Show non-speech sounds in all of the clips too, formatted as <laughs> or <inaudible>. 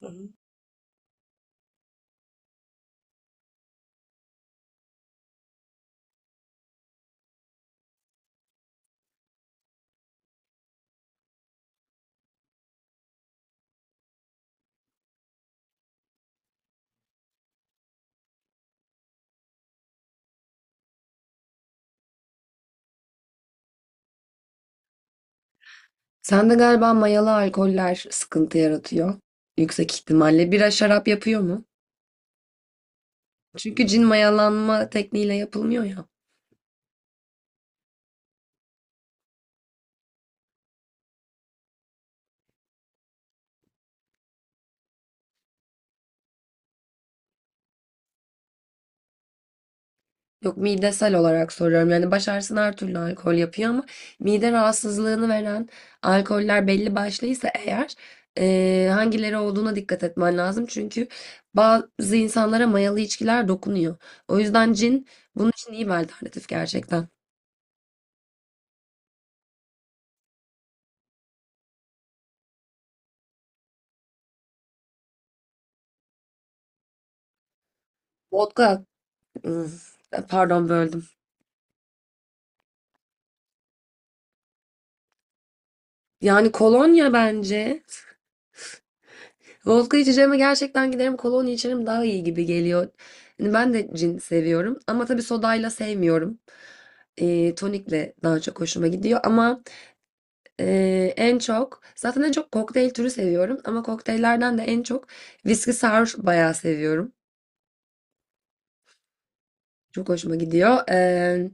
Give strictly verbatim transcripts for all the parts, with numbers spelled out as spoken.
Hı hı. Sende galiba mayalı alkoller sıkıntı yaratıyor. Yüksek ihtimalle. Bira şarap yapıyor mu? Çünkü cin mayalanma tekniğiyle yapılmıyor ya. Yok, midesel olarak soruyorum. Yani baş ağrısına her türlü alkol yapıyor ama mide rahatsızlığını veren alkoller belli başlıysa eğer eee, hangileri olduğuna dikkat etmen lazım. Çünkü bazı insanlara mayalı içkiler dokunuyor. O yüzden cin bunun için iyi bir alternatif gerçekten. Vodka, ıı, Pardon, böldüm. Yani kolonya bence. Vodka içeceğime gerçekten giderim kolonya içerim, daha iyi gibi geliyor. Yani ben de cin seviyorum ama tabii sodayla sevmiyorum. E, tonikle daha çok hoşuma gidiyor ama e, en çok zaten en çok kokteyl türü seviyorum ama kokteyllerden de en çok viski sour bayağı seviyorum. Çok hoşuma gidiyor. E,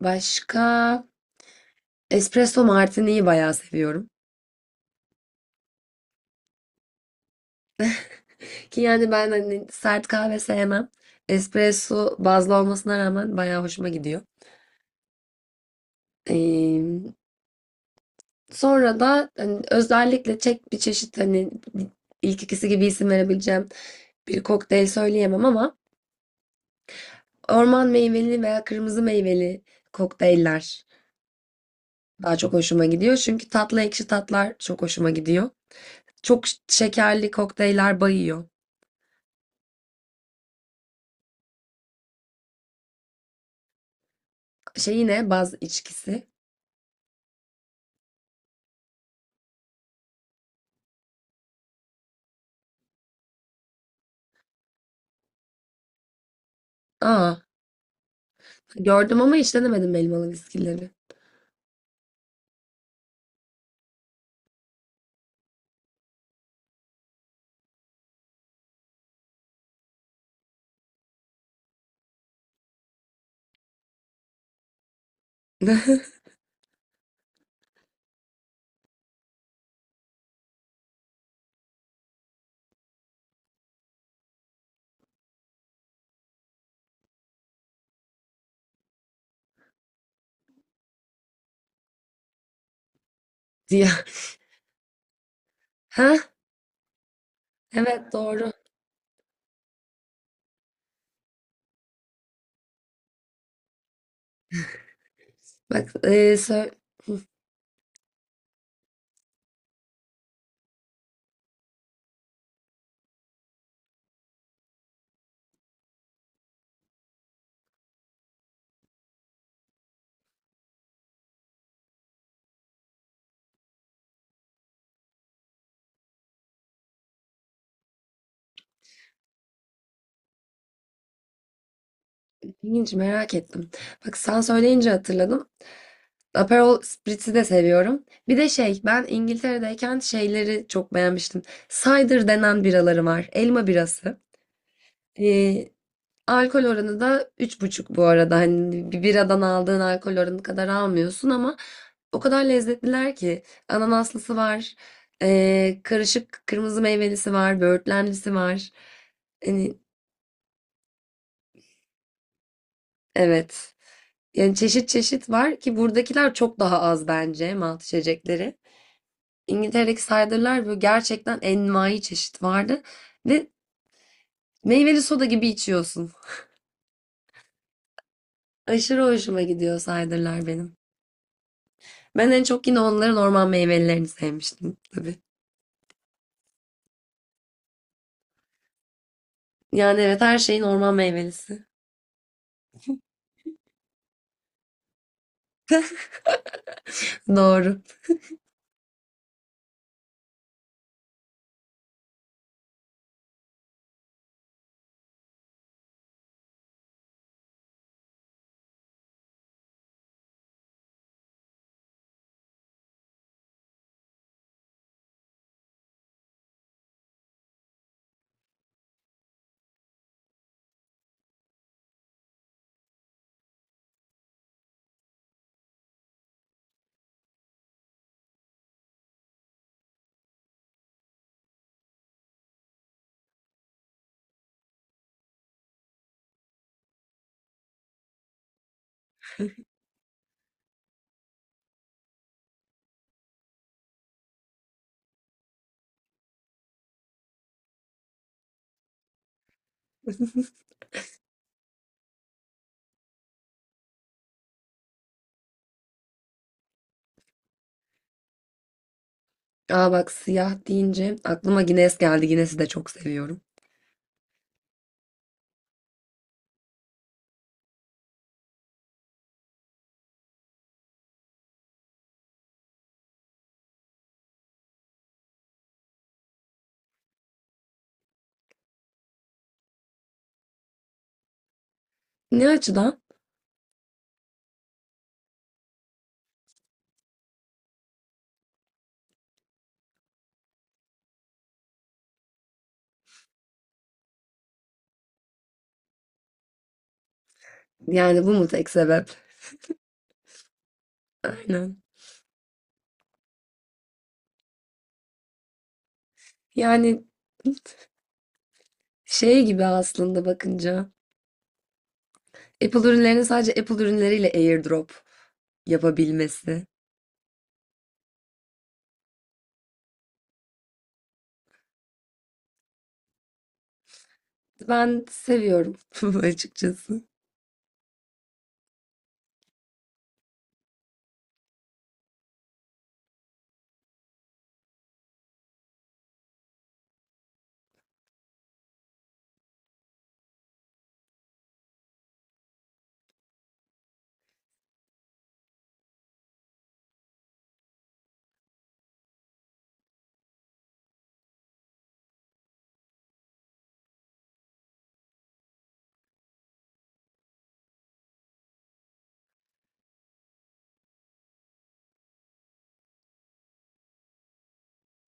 başka Espresso martini'yi bayağı seviyorum. Ki yani ben hani sert kahve sevmem. Espresso bazlı olmasına rağmen bayağı hoşuma gidiyor. Ee, Sonra da hani özellikle çek bir çeşit hani ilk ikisi gibi isim verebileceğim bir kokteyl söyleyemem ama orman meyveli veya kırmızı meyveli kokteyller daha çok hoşuma gidiyor. Çünkü tatlı ekşi tatlar çok hoşuma gidiyor. Çok ş- şekerli kokteyller bayıyor. Şey, yine baz içkisi. Aa, gördüm ama hiç denemedim elmalı viskileri. <laughs> diye. <laughs> Ha? Evet, doğru. Bak e, sö- ilginç, merak ettim. Bak sen söyleyince hatırladım. Aperol Spritz'i de seviyorum. Bir de şey, ben İngiltere'deyken şeyleri çok beğenmiştim. Cider denen biraları var. Elma birası. E, alkol oranı da üç buçuk bu arada. Hani bir biradan aldığın alkol oranı kadar almıyorsun ama o kadar lezzetliler ki. Ananaslısı var. E, karışık kırmızı meyvelisi var. Böğürtlenlisi var. Hani evet. Yani çeşit çeşit var ki buradakiler çok daha az bence malt içecekleri. İngiltere'deki cider'lar böyle gerçekten envai çeşit vardı ve meyveli soda gibi içiyorsun. Aşırı hoşuma gidiyor cider'lar benim. Ben en çok yine onların orman meyvelilerini sevmiştim tabii. Yani evet, her şeyin orman meyvelisi. <laughs> Doğru. Aa, bak, siyah deyince aklıma Guinness geldi. Guinness'i de çok seviyorum. Ne açıdan? Yani bu mu tek sebep? Aynen. Yani Şey gibi aslında bakınca. Apple ürünlerinin sadece Apple ürünleriyle AirDrop yapabilmesi. Ben seviyorum <laughs> açıkçası.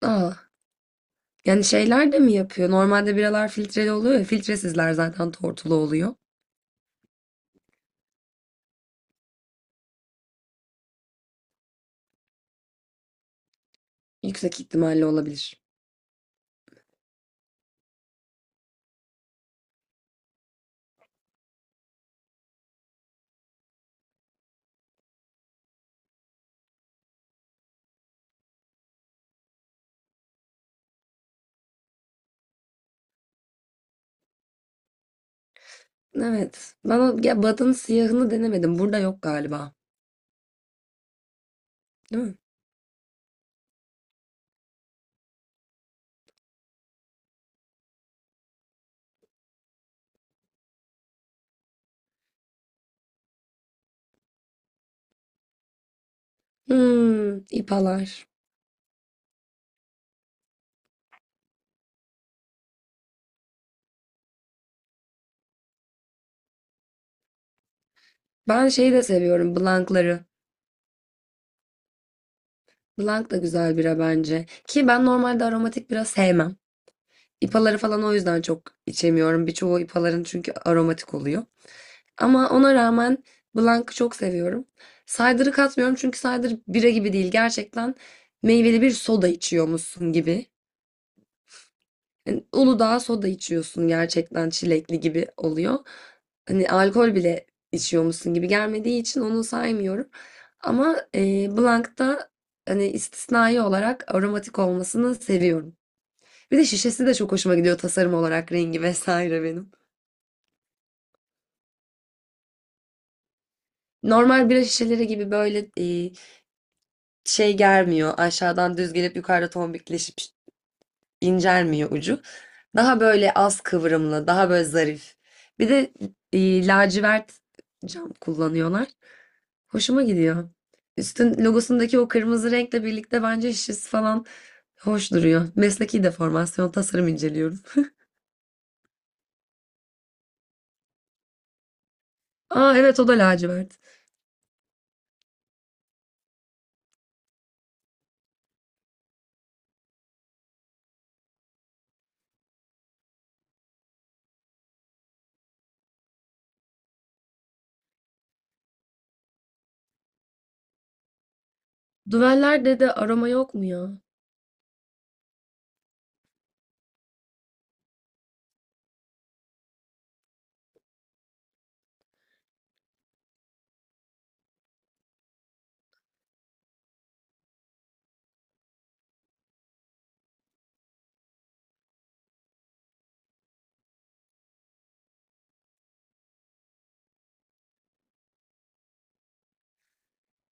Aa, yani şeyler de mi yapıyor? Normalde biralar filtreli oluyor ya. Filtresizler zaten tortulu oluyor. Yüksek ihtimalle olabilir. Evet. Ben o ya, Bad'ın siyahını denemedim. Burada yok galiba. Değil mi? Hmm, ipalar. Ben şeyi de seviyorum. Blankları. Blank da güzel bira bence. Ki ben normalde aromatik bira sevmem. İpaları falan o yüzden çok içemiyorum. Birçoğu ipaların çünkü aromatik oluyor. Ama ona rağmen Blanc'ı çok seviyorum. Cider'ı katmıyorum çünkü cider bira gibi değil. Gerçekten meyveli bir soda içiyormuşsun gibi. Yani Uludağ soda içiyorsun, gerçekten çilekli gibi oluyor. Hani alkol bile içiyormuşsun gibi gelmediği için onu saymıyorum. Ama e, Blanc'ta hani istisnai olarak aromatik olmasını seviyorum. Bir de şişesi de çok hoşuma gidiyor tasarım olarak, rengi vesaire benim. Normal bira şişeleri gibi böyle e, şey germiyor. Aşağıdan düz gelip yukarıda tombikleşip incelmiyor ucu. Daha böyle az kıvrımlı, daha böyle zarif. Bir de e, lacivert cam kullanıyorlar. Hoşuma gidiyor. Üstün logosundaki o kırmızı renkle birlikte bence şişesi falan hoş duruyor. Mesleki deformasyon, tasarım inceliyorum. <laughs> Aa evet, o da lacivert. Düveller de de aroma yok mu ya?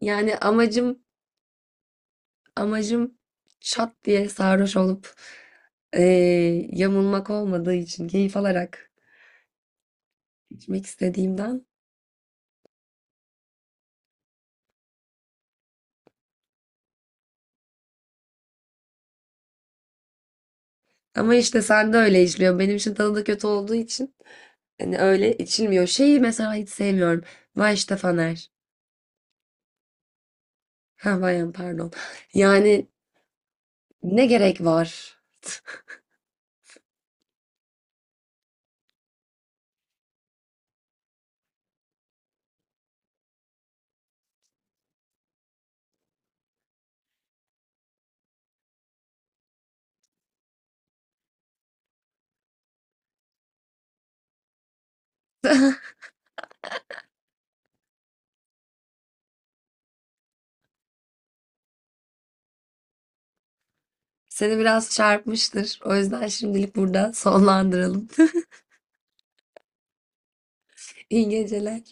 Yani amacım Amacım şat diye sarhoş olup eee, yamulmak olmadığı için keyif alarak içmek istediğimden. Ama işte sen de öyle içiliyor. Benim için tadı da kötü olduğu için hani öyle içilmiyor. Şeyi mesela hiç sevmiyorum. Vay işte Faner. Ha, Vayan, pardon. Yani ne gerek var? Seni biraz çarpmıştır. O yüzden şimdilik burada sonlandıralım. <laughs> İyi geceler.